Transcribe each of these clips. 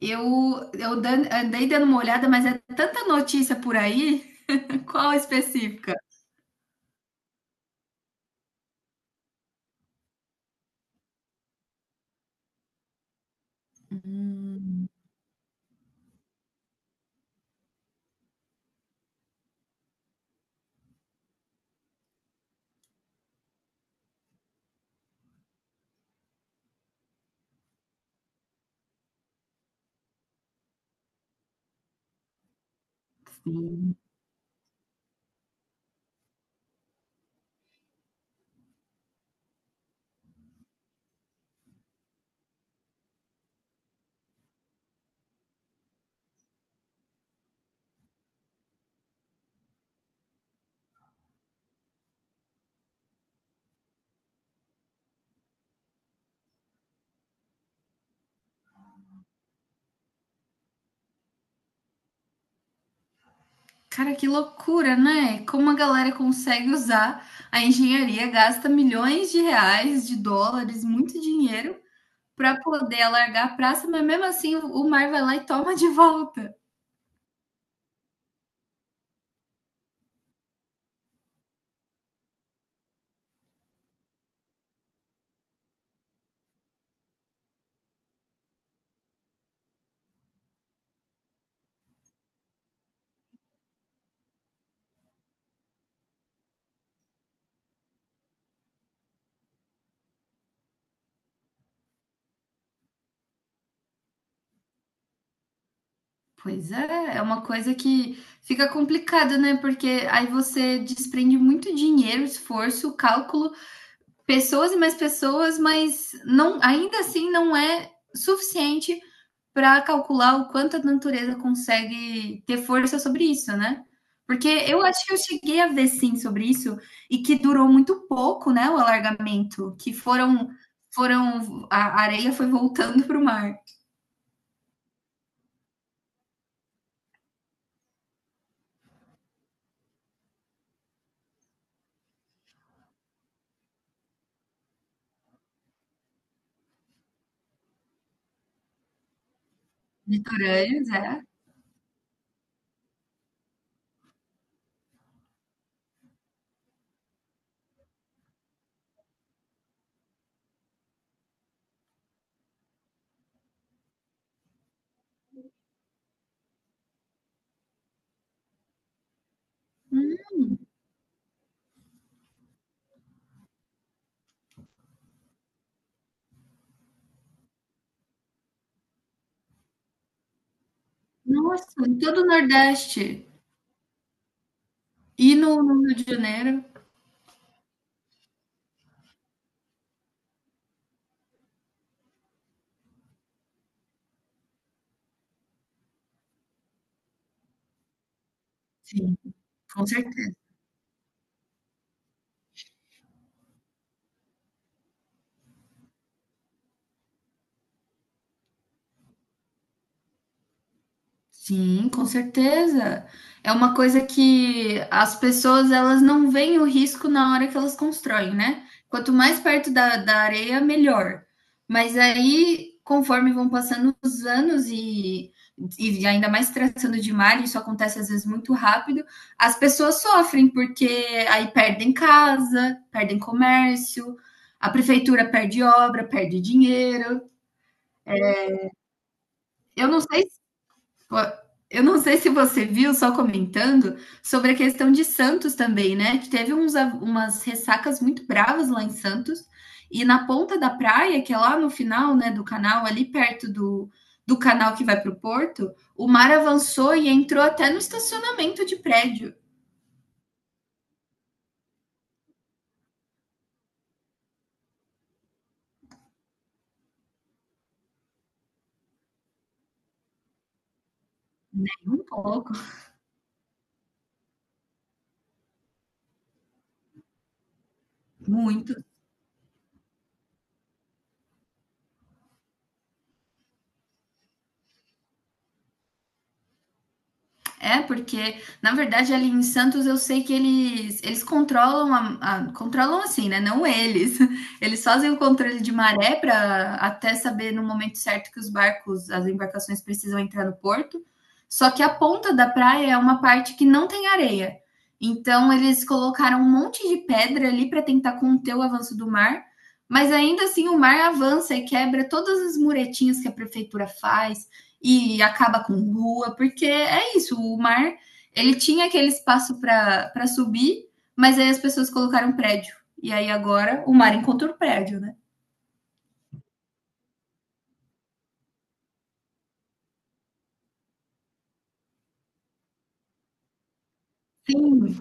Eu dan- andei dando uma olhada, mas é tanta notícia por aí. Qual específica? Hum, sim. Cara, que loucura, né? Como a galera consegue usar a engenharia, gasta milhões de reais, de dólares, muito dinheiro para poder alargar a praça, mas mesmo assim o mar vai lá e toma de volta. Pois é, é uma coisa que fica complicada, né? Porque aí você desprende muito dinheiro, esforço, cálculo pessoas e mais pessoas, mas não, ainda assim não é suficiente para calcular o quanto a natureza consegue ter força sobre isso, né? Porque eu acho que eu cheguei a ver sim sobre isso e que durou muito pouco, né, o alargamento, que foram a areia foi voltando para o mar. Litorâneos, é. Nossa, em todo o Nordeste e no, no Rio de Janeiro, sim, com certeza. Sim, com certeza. É uma coisa que as pessoas elas não veem o risco na hora que elas constroem, né? Quanto mais perto da areia, melhor. Mas aí, conforme vão passando os anos e ainda mais tratando de mar, isso acontece às vezes muito rápido, as pessoas sofrem, porque aí perdem casa, perdem comércio, a prefeitura perde obra, perde dinheiro. Eu não sei Eu não sei se você viu, só comentando, sobre a questão de Santos também, né? Que teve uns, umas ressacas muito bravas lá em Santos. E na ponta da praia, que é lá no final, né, do canal, ali perto do, do canal que vai para o Porto, o mar avançou e entrou até no estacionamento de prédio. Um pouco. Muito é, porque, na verdade, ali em Santos eu sei que eles controlam a, controlam assim, né? Não eles. Eles fazem o controle de maré para até saber no momento certo que os barcos, as embarcações precisam entrar no porto. Só que a ponta da praia é uma parte que não tem areia. Então eles colocaram um monte de pedra ali para tentar conter o avanço do mar, mas ainda assim o mar avança e quebra todas as muretinhas que a prefeitura faz e acaba com rua, porque é isso, o mar, ele tinha aquele espaço para subir, mas aí as pessoas colocaram prédio. E aí agora o mar encontrou o prédio, né? Sim.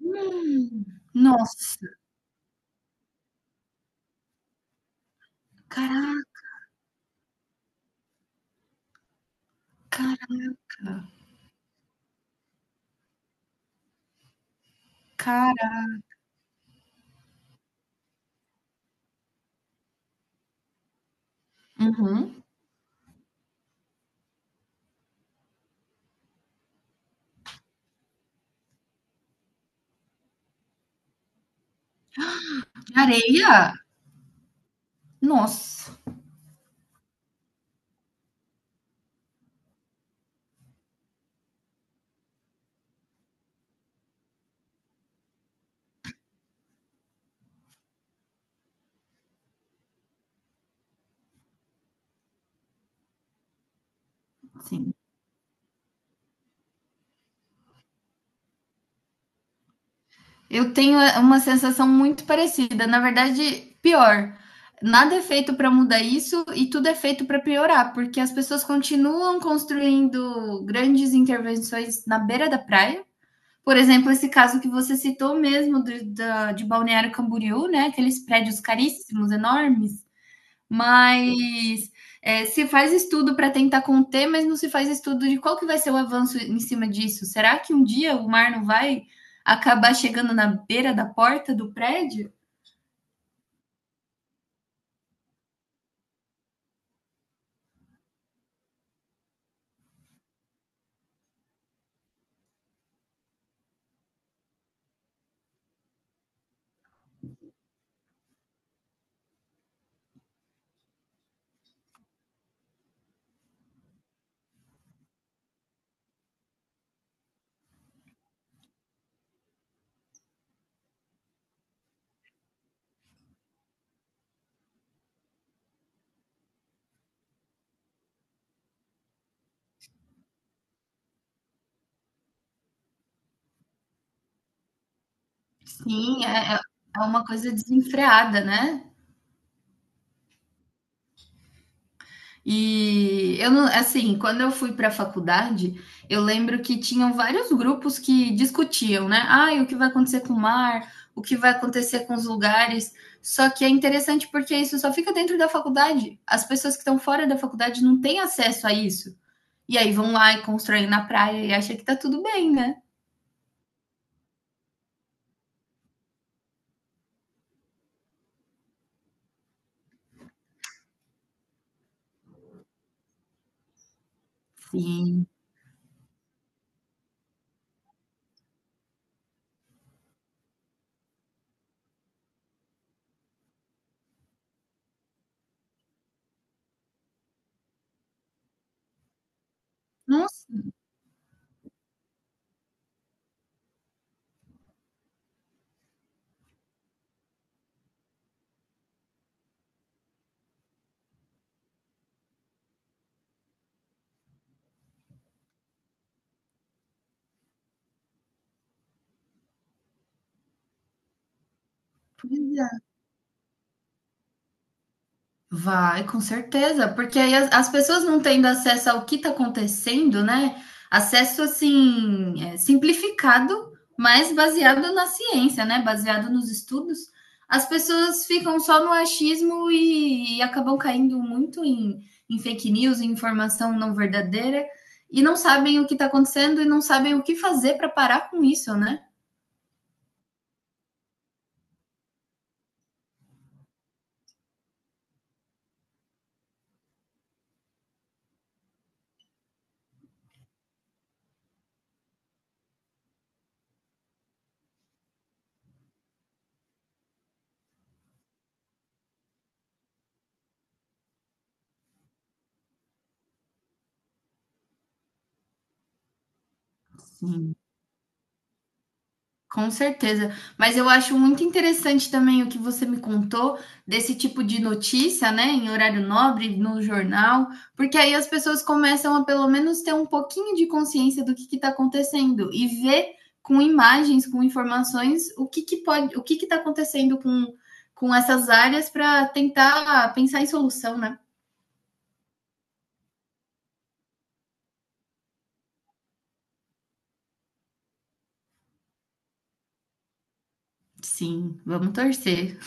Hum, nossa, caraca, cara. Uhum. Areia? Nossa, sim. Eu tenho uma sensação muito parecida, na verdade, pior. Nada é feito para mudar isso e tudo é feito para piorar, porque as pessoas continuam construindo grandes intervenções na beira da praia. Por exemplo, esse caso que você citou mesmo de Balneário Camboriú, né? Aqueles prédios caríssimos, enormes, mas é, se faz estudo para tentar conter, mas não se faz estudo de qual que vai ser o avanço em cima disso. Será que um dia o mar não vai acabar chegando na beira da porta do prédio? Sim, é, é uma coisa desenfreada, né? E eu não, assim, quando eu fui para a faculdade, eu lembro que tinham vários grupos que discutiam, né? Ah, o que vai acontecer com o mar, o que vai acontecer com os lugares. Só que é interessante porque isso só fica dentro da faculdade. As pessoas que estão fora da faculdade não têm acesso a isso. E aí vão lá e constroem na praia e acham que tá tudo bem, né? Sim. Nossa, pois é. Vai, com certeza, porque aí as pessoas não tendo acesso ao que está acontecendo, né? Acesso assim, é, simplificado, mas baseado na ciência, né? Baseado nos estudos, as pessoas ficam só no achismo e acabam caindo muito em fake news, em informação não verdadeira, e não sabem o que está acontecendo e não sabem o que fazer para parar com isso, né? Sim. Com certeza. Mas eu acho muito interessante também o que você me contou desse tipo de notícia, né, em horário nobre, no jornal, porque aí as pessoas começam a pelo menos ter um pouquinho de consciência do que está acontecendo e ver com imagens, com informações, o que, que pode, o que está acontecendo com essas áreas para tentar pensar em solução, né? Sim, vamos torcer.